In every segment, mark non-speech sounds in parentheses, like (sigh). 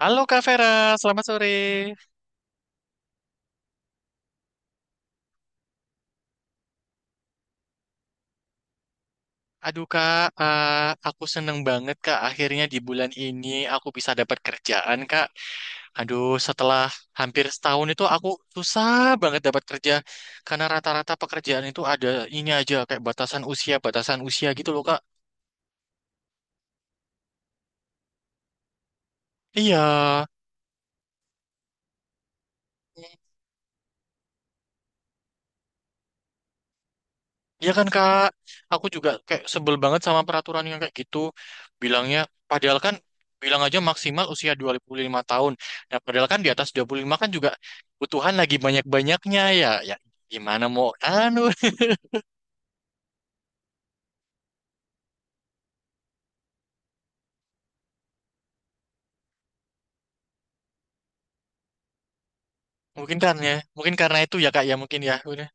Halo Kak Vera, selamat sore. Aduh Kak, aku seneng banget Kak. Akhirnya di bulan ini aku bisa dapat kerjaan Kak. Aduh, setelah hampir setahun itu aku susah banget dapat kerja karena rata-rata pekerjaan itu ada ini aja kayak batasan usia gitu loh Kak. Iya. Iya kan Kak, aku juga kayak sebel banget sama peraturan yang kayak gitu. Bilangnya, padahal kan bilang aja maksimal usia 25 tahun. Nah, padahal kan di atas 25 kan juga kebutuhan lagi banyak-banyaknya ya. Ya gimana mau anu. (laughs) Mungkin karena mungkin karena itu ya Kak ya mungkin ya. Udah.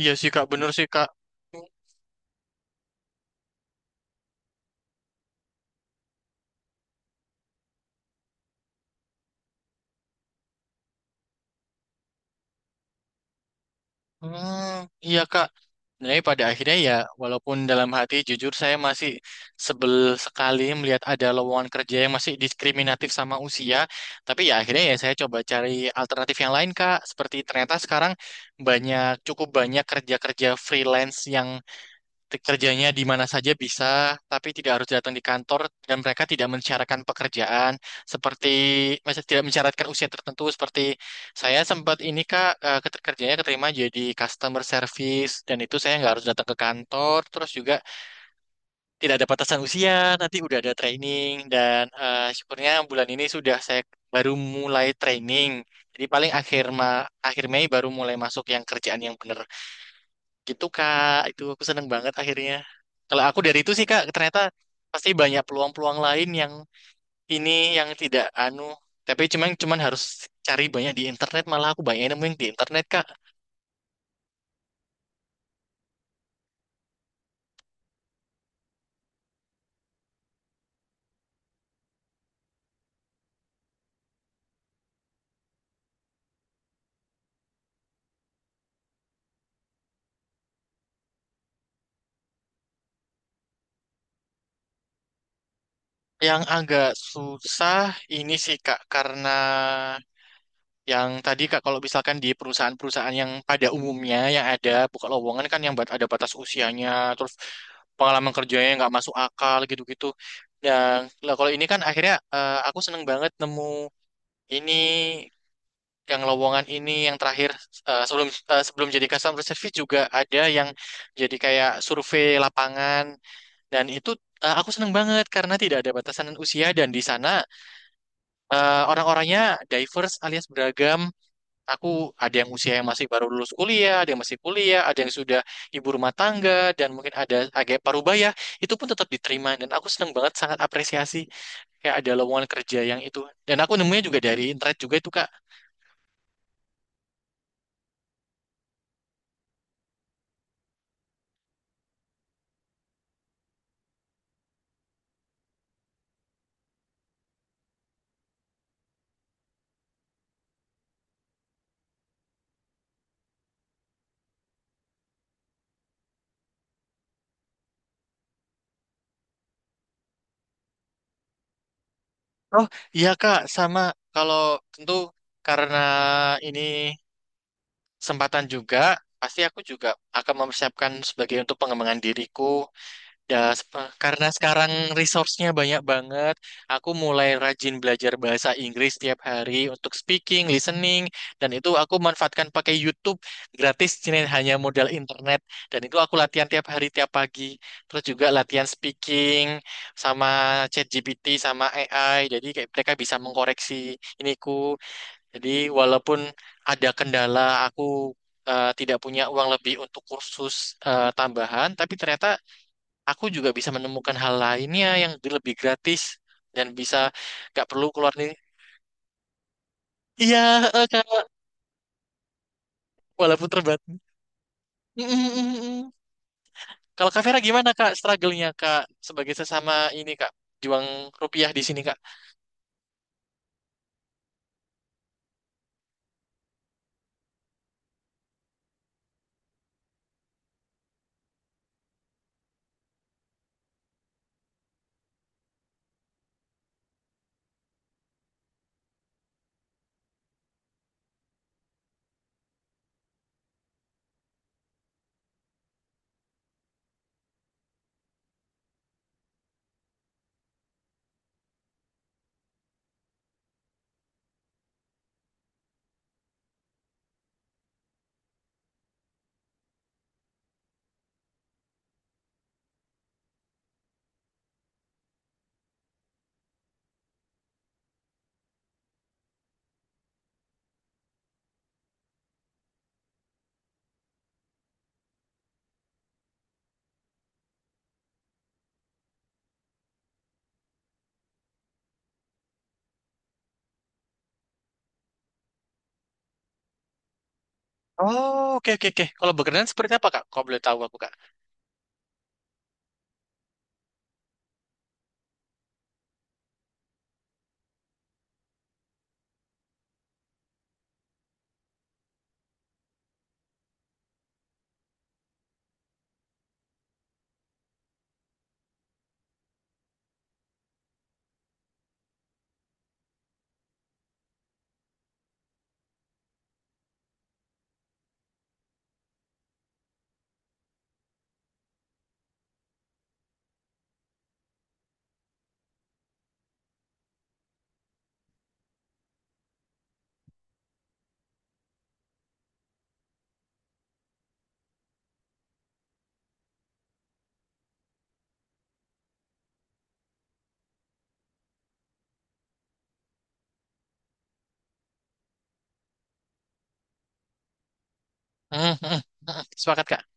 Iya sih Kak, bener sih Kak. Hmm, iya Kak. Sebenarnya pada akhirnya ya, walaupun dalam hati jujur saya masih sebel sekali melihat ada lowongan kerja yang masih diskriminatif sama usia. Tapi ya akhirnya ya saya coba cari alternatif yang lain Kak. Seperti ternyata sekarang banyak, cukup banyak kerja-kerja freelance yang kerjanya di mana saja bisa, tapi tidak harus datang di kantor dan mereka tidak mensyaratkan pekerjaan seperti maksudnya tidak mensyaratkan usia tertentu seperti saya sempat ini Kak kerjanya keterima jadi customer service dan itu saya nggak harus datang ke kantor terus juga tidak ada batasan usia nanti udah ada training dan syukurnya bulan ini sudah saya baru mulai training jadi paling akhir akhir Mei baru mulai masuk yang kerjaan yang benar. Gitu Kak, itu aku seneng banget akhirnya. Kalau aku dari itu sih Kak, ternyata pasti banyak peluang-peluang lain yang ini yang tidak anu. Tapi cuman cuman harus cari banyak di internet, malah aku banyak nemu yang di internet Kak. Yang agak susah ini sih Kak, karena yang tadi Kak kalau misalkan di perusahaan-perusahaan yang pada umumnya yang ada buka lowongan kan yang ada batas usianya, terus pengalaman kerjanya nggak masuk akal gitu-gitu. Dan lah kalau ini kan akhirnya aku seneng banget nemu. Ini yang lowongan ini yang terakhir eh, sebelum sebelum jadi customer service juga ada yang jadi kayak survei lapangan dan itu aku seneng banget karena tidak ada batasan usia dan di sana orang-orangnya diverse alias beragam. Aku ada yang usia yang masih baru lulus kuliah, ada yang masih kuliah, ada yang sudah ibu rumah tangga dan mungkin ada agak parubaya itu pun tetap diterima dan aku seneng banget sangat apresiasi kayak ada lowongan kerja yang itu dan aku nemunya juga dari internet juga itu Kak. Oh iya Kak, sama kalau tentu karena ini kesempatan juga, pasti aku juga akan mempersiapkan sebagai untuk pengembangan diriku. Ya, karena sekarang resource-nya banyak banget, aku mulai rajin belajar bahasa Inggris tiap hari untuk speaking, listening, dan itu aku manfaatkan pakai YouTube gratis, jadi hanya modal internet. Dan itu aku latihan tiap hari, tiap pagi. Terus juga latihan speaking sama ChatGPT, sama AI. Jadi kayak mereka bisa mengkoreksi iniku. Jadi walaupun ada kendala, aku tidak punya uang lebih untuk kursus tambahan, tapi ternyata aku juga bisa menemukan hal lainnya yang lebih gratis dan bisa gak perlu keluar nih. Iya, Kak, walaupun terbatas. Mm, mm, mm, mm. Kalau Kak Vera gimana Kak struggle-nya Kak sebagai sesama ini Kak juang rupiah di sini Kak? Oh, oke oke oke. Kalau berkenan seperti apa Kak? Kok boleh tahu aku Kak? Mm, mm, mm, mm. Sepakat Kak.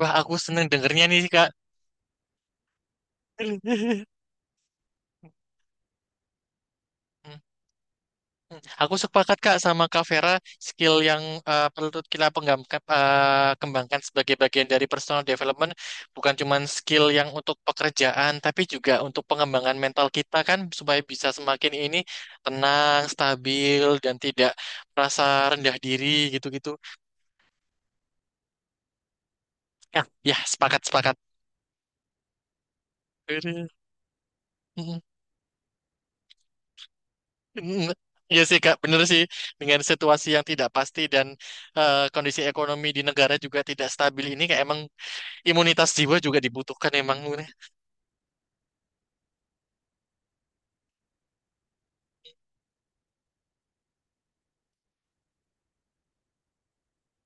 Wah, aku seneng dengernya nih Kak. (laughs) Hmm, aku sepakat Kak sama Kak Vera, skill yang perlu kita kembangkan sebagai bagian dari personal development bukan cuma skill yang untuk pekerjaan, tapi juga untuk pengembangan mental kita kan supaya bisa semakin ini tenang, stabil, dan tidak merasa rendah diri gitu-gitu. Ya, ya sepakat sepakat. Mm, mm. Iya sih Kak, bener sih dengan situasi yang tidak pasti dan kondisi ekonomi di negara juga tidak stabil ini kayak emang imunitas jiwa juga dibutuhkan emang Luna.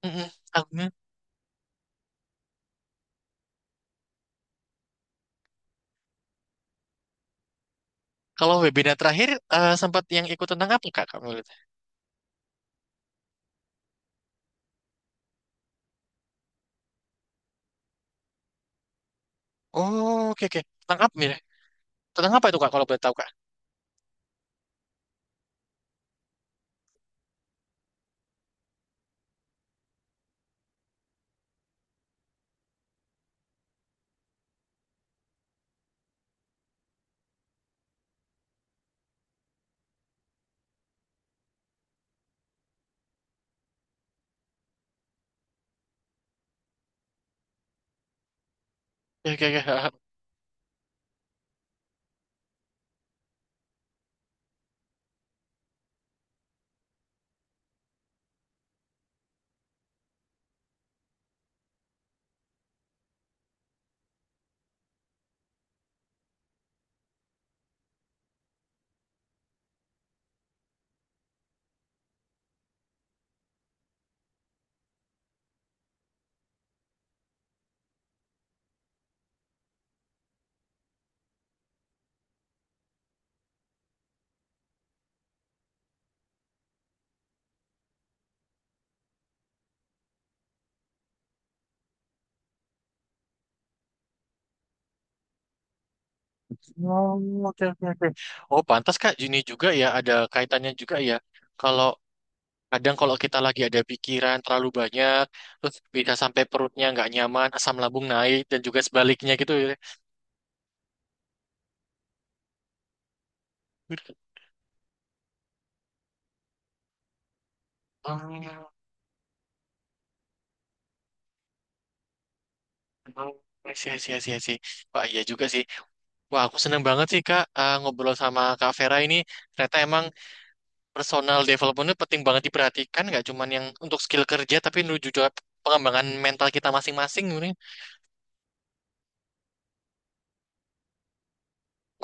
Mm-mm. Aku- Kalau webinar terakhir sempat yang ikut tentang apa Kak kamu lihat? Oh, oke oke. Tentang apa ya? Tentang apa itu Kak kalau boleh tahu Kak? Oke oke oke. Oh, oke oke oke. Oh, pantas Kak Juni juga ya ada kaitannya juga ya. Kalau kadang kalau kita lagi ada pikiran terlalu banyak terus bisa sampai perutnya nggak nyaman, asam lambung naik dan juga sebaliknya gitu ya. Oh, oh, I see, I see, I see, I see. Wah, iya juga sih. Wah, aku seneng banget sih Kak ngobrol sama Kak Vera ini. Ternyata emang personal development itu penting banget diperhatikan, nggak cuman yang untuk skill kerja, tapi menuju juga pengembangan mental kita masing-masing ini.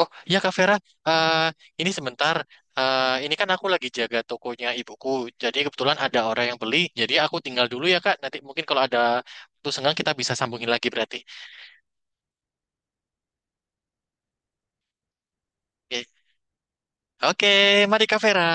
Oh iya Kak Vera, eh, ini sebentar. Ini kan aku lagi jaga tokonya ibuku, jadi kebetulan ada orang yang beli. Jadi aku tinggal dulu ya Kak. Nanti mungkin kalau ada waktu senggang kita bisa sambungin lagi berarti. Oke, oke, mari Kak Vera.